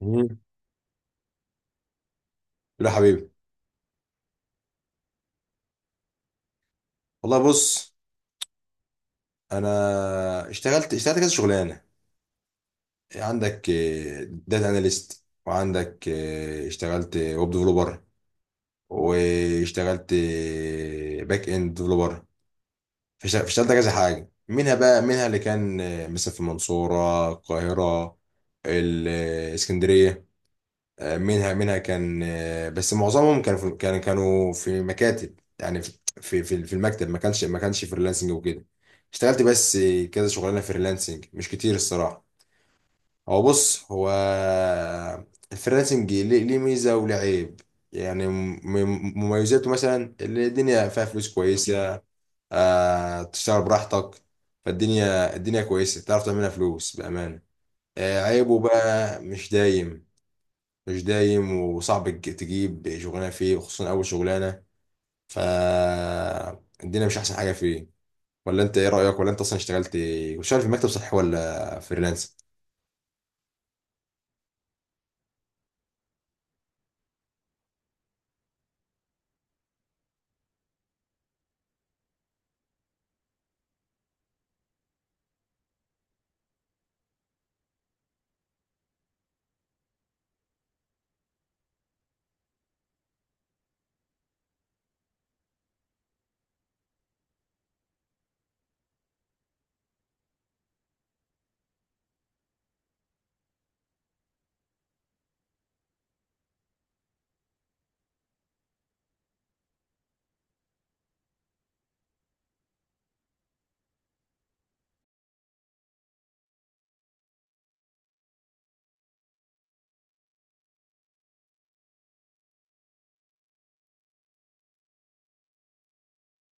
مم. لا حبيبي، والله بص. انا اشتغلت اشتغلت كذا شغلانه. عندك داتا اناليست، وعندك اشتغلت ويب ديفلوبر، واشتغلت باك اند ديفلوبر. فاشتغلت كذا حاجه منها، بقى منها اللي كان مثلا في المنصوره، القاهره، الاسكندريه. منها كان بس معظمهم كانوا في مكاتب، يعني في المكتب، ما كانش ما كانش فريلانسنج وكده. اشتغلت بس كذا شغلانه فريلانسنج، مش كتير الصراحه. هو بص، هو الفريلانسنج ليه ميزه وله عيب. يعني، مميزاته مثلا اللي الدنيا فيها فلوس كويسه. تشتغل براحتك، الدنيا كويسه، تعرف تعملها فلوس بامانه. عيبه بقى مش دايم، مش دايم، وصعب تجيب شغلانه فيه، وخصوصا اول شغلانه. ف الدنيا مش احسن حاجه فيه. ولا انت ايه رايك؟ ولا انت اصلا اشتغلت وشغال في مكتب، صحي، ولا فريلانس؟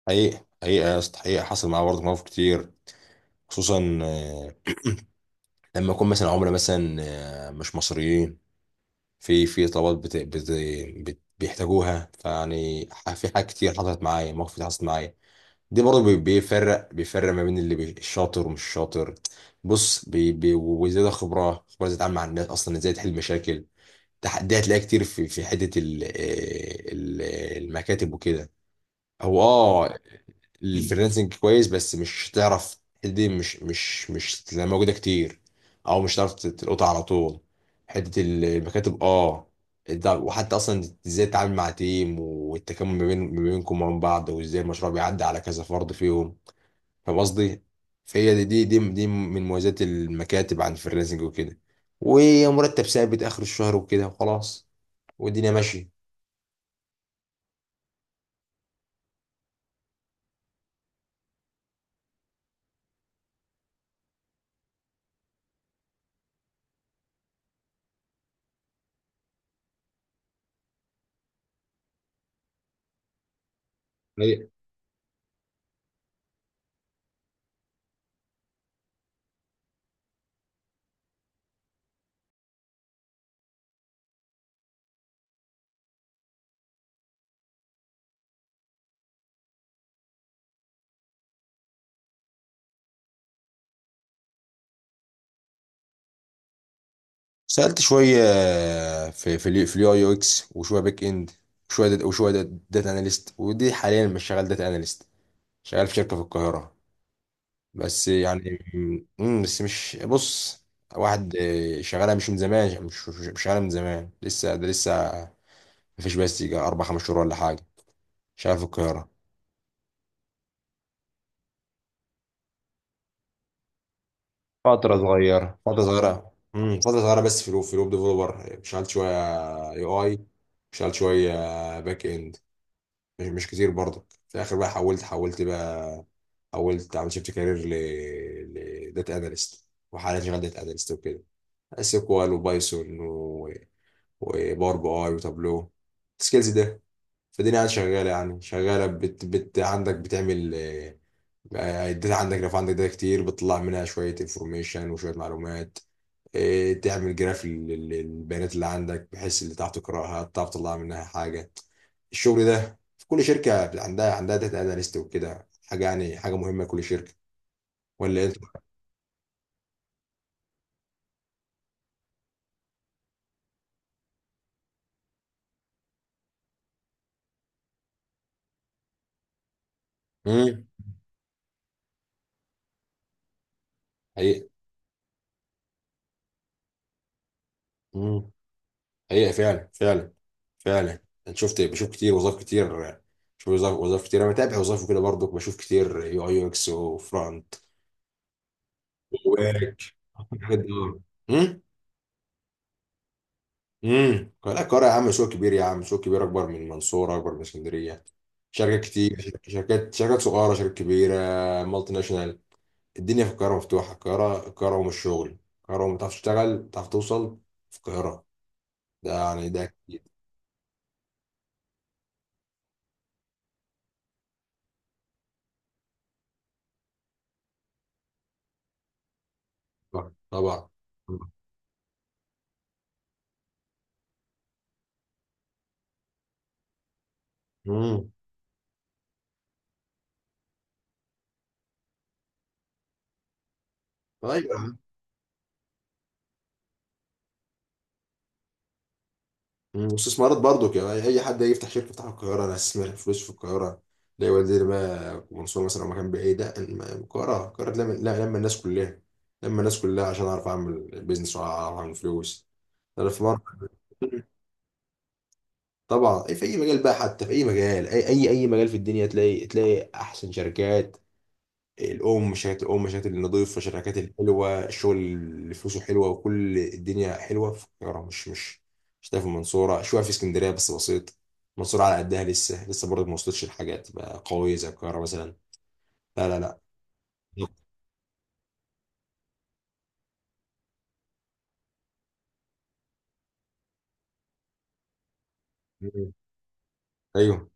حقيقة حقيقة يا اسطى، حقيقة حصل معايا برضه مواقف كتير. خصوصا لما يكون مثلا عملاء، مثلا مش مصريين. في طلبات بيحتاجوها، فيعني في حاجات كتير حصلت معايا، مواقف كتير حصلت معايا. دي برضه بيفرق بيفرق ما بين اللي الشاطر ومش شاطر. بص بي بي وزيادة خبرة، خبرة ازاي تتعامل مع الناس، اصلا ازاي تحل مشاكل. تحدي هتلاقيها كتير في حتة ال آه، ال المكاتب وكده. هو الفريلانسنج كويس، بس مش هتعرف الحتة دي، مش تلاقيها موجودة كتير، او مش هتعرف تلقطها على طول. حتة المكاتب، اه. وحتى اصلا ازاي تتعامل مع تيم، والتكامل ما بينكم وما بين بعض، وازاي المشروع بيعدي على كذا فرد فيهم. فاهم قصدي؟ فهي دي من مميزات المكاتب عن الفريلانسنج وكده، ومرتب ثابت اخر الشهر وكده وخلاص، والدنيا ماشيه. هي- سالت شويه في اليو اي يو اكس، وشويه باك اند، وشويه داتا اناليست، ودي حاليا مش شغال داتا اناليست، شغال في شركه في القاهره. بس يعني. بس مش بص، واحد شغالها مش من زمان، مش شغالها من زمان لسه، لسه مفيش، بس يجي 4 5 شهور ولا حاجه. شغال في القاهره. فترة صغيرة، فترة صغيرة، فترة صغيرة، بس في الويب ديفلوبر، شغال شوية. اي، اي، شغال شوية باك اند. مش كتير برضك. في الاخر بقى حولت حولت بقى، حولت، عملت شيفت كارير لداتا اناليست، وحاليا شغال داتا اناليست وكده، اس كوال وبايثون وباور بي اي وتابلو، السكيلز ده. فالدنيا قاعدة شغالة، يعني شغالة. بت, بت عندك بتعمل الداتا عندك. لو عندك داتا كتير، بتطلع منها شوية انفورميشن وشوية معلومات. تعمل جراف للبيانات اللي عندك، بحيث اللي تعرف تقراها تعرف تطلع منها حاجة. الشغل ده في كل شركة، عندها داتا اناليست وكده، حاجة يعني حاجة مهمة لكل شركة. ولا انت؟ امم حقيقة، امم حقيقة فعلا، فعلا فعلا. انا بشوف كتير، وظائف كتير، بشوف وظائف وظائف كتير. انا متابع وظائف وكده، برضو بشوف كتير يو اي يو اكس وفرونت وباك، الحاجات دي. اه. مم؟ لا، القاهرة يا عم مشروع كبير، يا عم مشروع كبير، اكبر من المنصورة، اكبر من اسكندرية. شركات كتير، شركات شركات شركات صغيرة، شركات كبيرة، مالتي ناشونال. الدنيا في القاهرة مفتوحة. القاهرة، القاهرة أم الشغل، القاهرة أم، تعرف تشتغل تعرف توصل في القاهرة. ده يعني ده أكيد. طبعا، طبعا. مم. طيب. مم. واستثمارات برضو، يعني اي حد هيفتح شركه يفتحها في القاهره، انا هستثمر فلوس في القاهره زي وزير ما منصور مثلا. لو مكان بعيد، لا، القاهره، القاهره لما لا- لما الناس كلها عشان اعرف اعمل بيزنس، واعرف اعمل فلوس. انا في مره. طبعا، في اي مجال بقى، حتى في اي مجال، اي مجال في الدنيا تلاقي تلاقي احسن شركات. الام شركات النظيفه، الشركات الحلوه، الشغل اللي فلوسه حلوه، وكل الدنيا حلوه في القاهره. مش هتلاقي في المنصوره شويه، في اسكندريه بس بسيط. المنصوره على قدها لسه، لسه برضه ما وصلتش لحاجات بقى قويه زي القاهره مثلا. لا، لا، لا. مم. ايوه،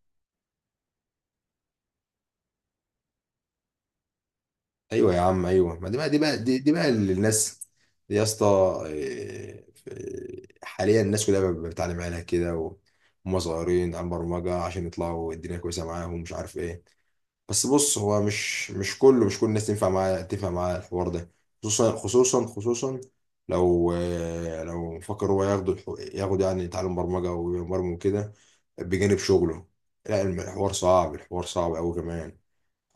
ايوه يا عم، ايوه ما دي بقى، دي بقى دي بقى اللي الناس، دي يا اسطى. إيه، حاليا الناس كلها بتعلم عليها كده وهم صغيرين عن برمجه، عشان يطلعوا الدنيا كويسه معاهم، مش عارف ايه. بس بص، هو مش مش كله مش كل الناس تنفع معاه، تنفع معاه الحوار ده. خصوصا، خصوصا، خصوصا لو فكر هو ياخد ياخد يعني يتعلم برمجة ويبرمج وكده بجانب شغله. لا، الحوار صعب، الحوار صعب أوي كمان.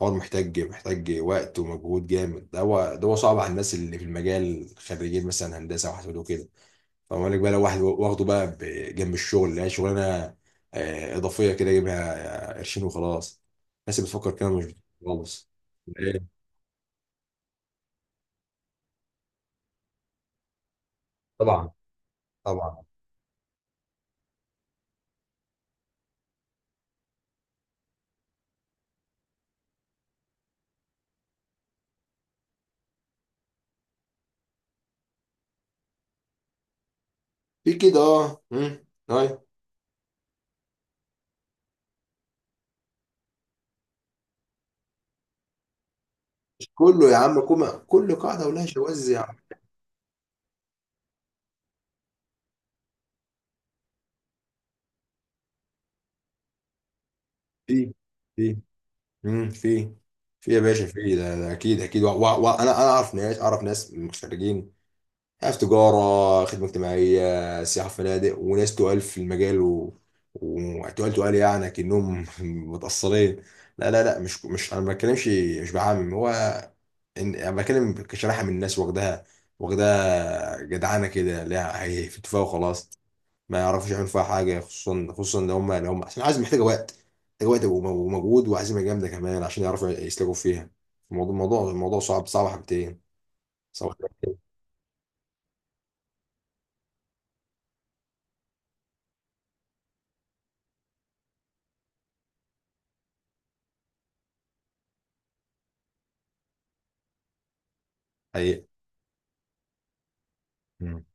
الحوار محتاج محتاج وقت ومجهود جامد ده. هو صعب على الناس اللي في المجال، خريجين مثلا هندسة وحاسبات وكده. فما بالك بقى لو واحد واخده بقى جنب الشغل اللي هي شغلانه اضافيه كده، يجيبها قرشين وخلاص. الناس اللي بتفكر كده مش بت- خالص. إيه؟ طبعا، طبعا. في كده، اه. مم. طيب. مش كله يا عم، كوما كل قاعده ولها شواذ يا عم. في في مم. في يا باشا، في ده اكيد اكيد، وانا انا أنا اعرف ناس، اعرف ناس مغتربين في تجارة، خدمة اجتماعية، سياحة فنادق، وناس تقال في المجال وتقال تقال يعني كأنهم متأصلين. لا، لا، لا. مش أنا ما بتكلمش، مش بعمم هو. أنا بتكلم كشريحة من الناس، واخدها، واخدها جدعانة كده، لا هي في اتفاق وخلاص. ما يعرفوش يعملوا فيها حاجة، خصوصا خصوصا لو هم عشان عايز محتاجة وقت، محتاجة وقت ومجهود وعزيمة جامدة كمان عشان يعرفوا يسلكوا فيها. الموضوع صعب، صعب حبتين، صعب حبتين، حقيقي. مم.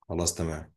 خلاص، تمام.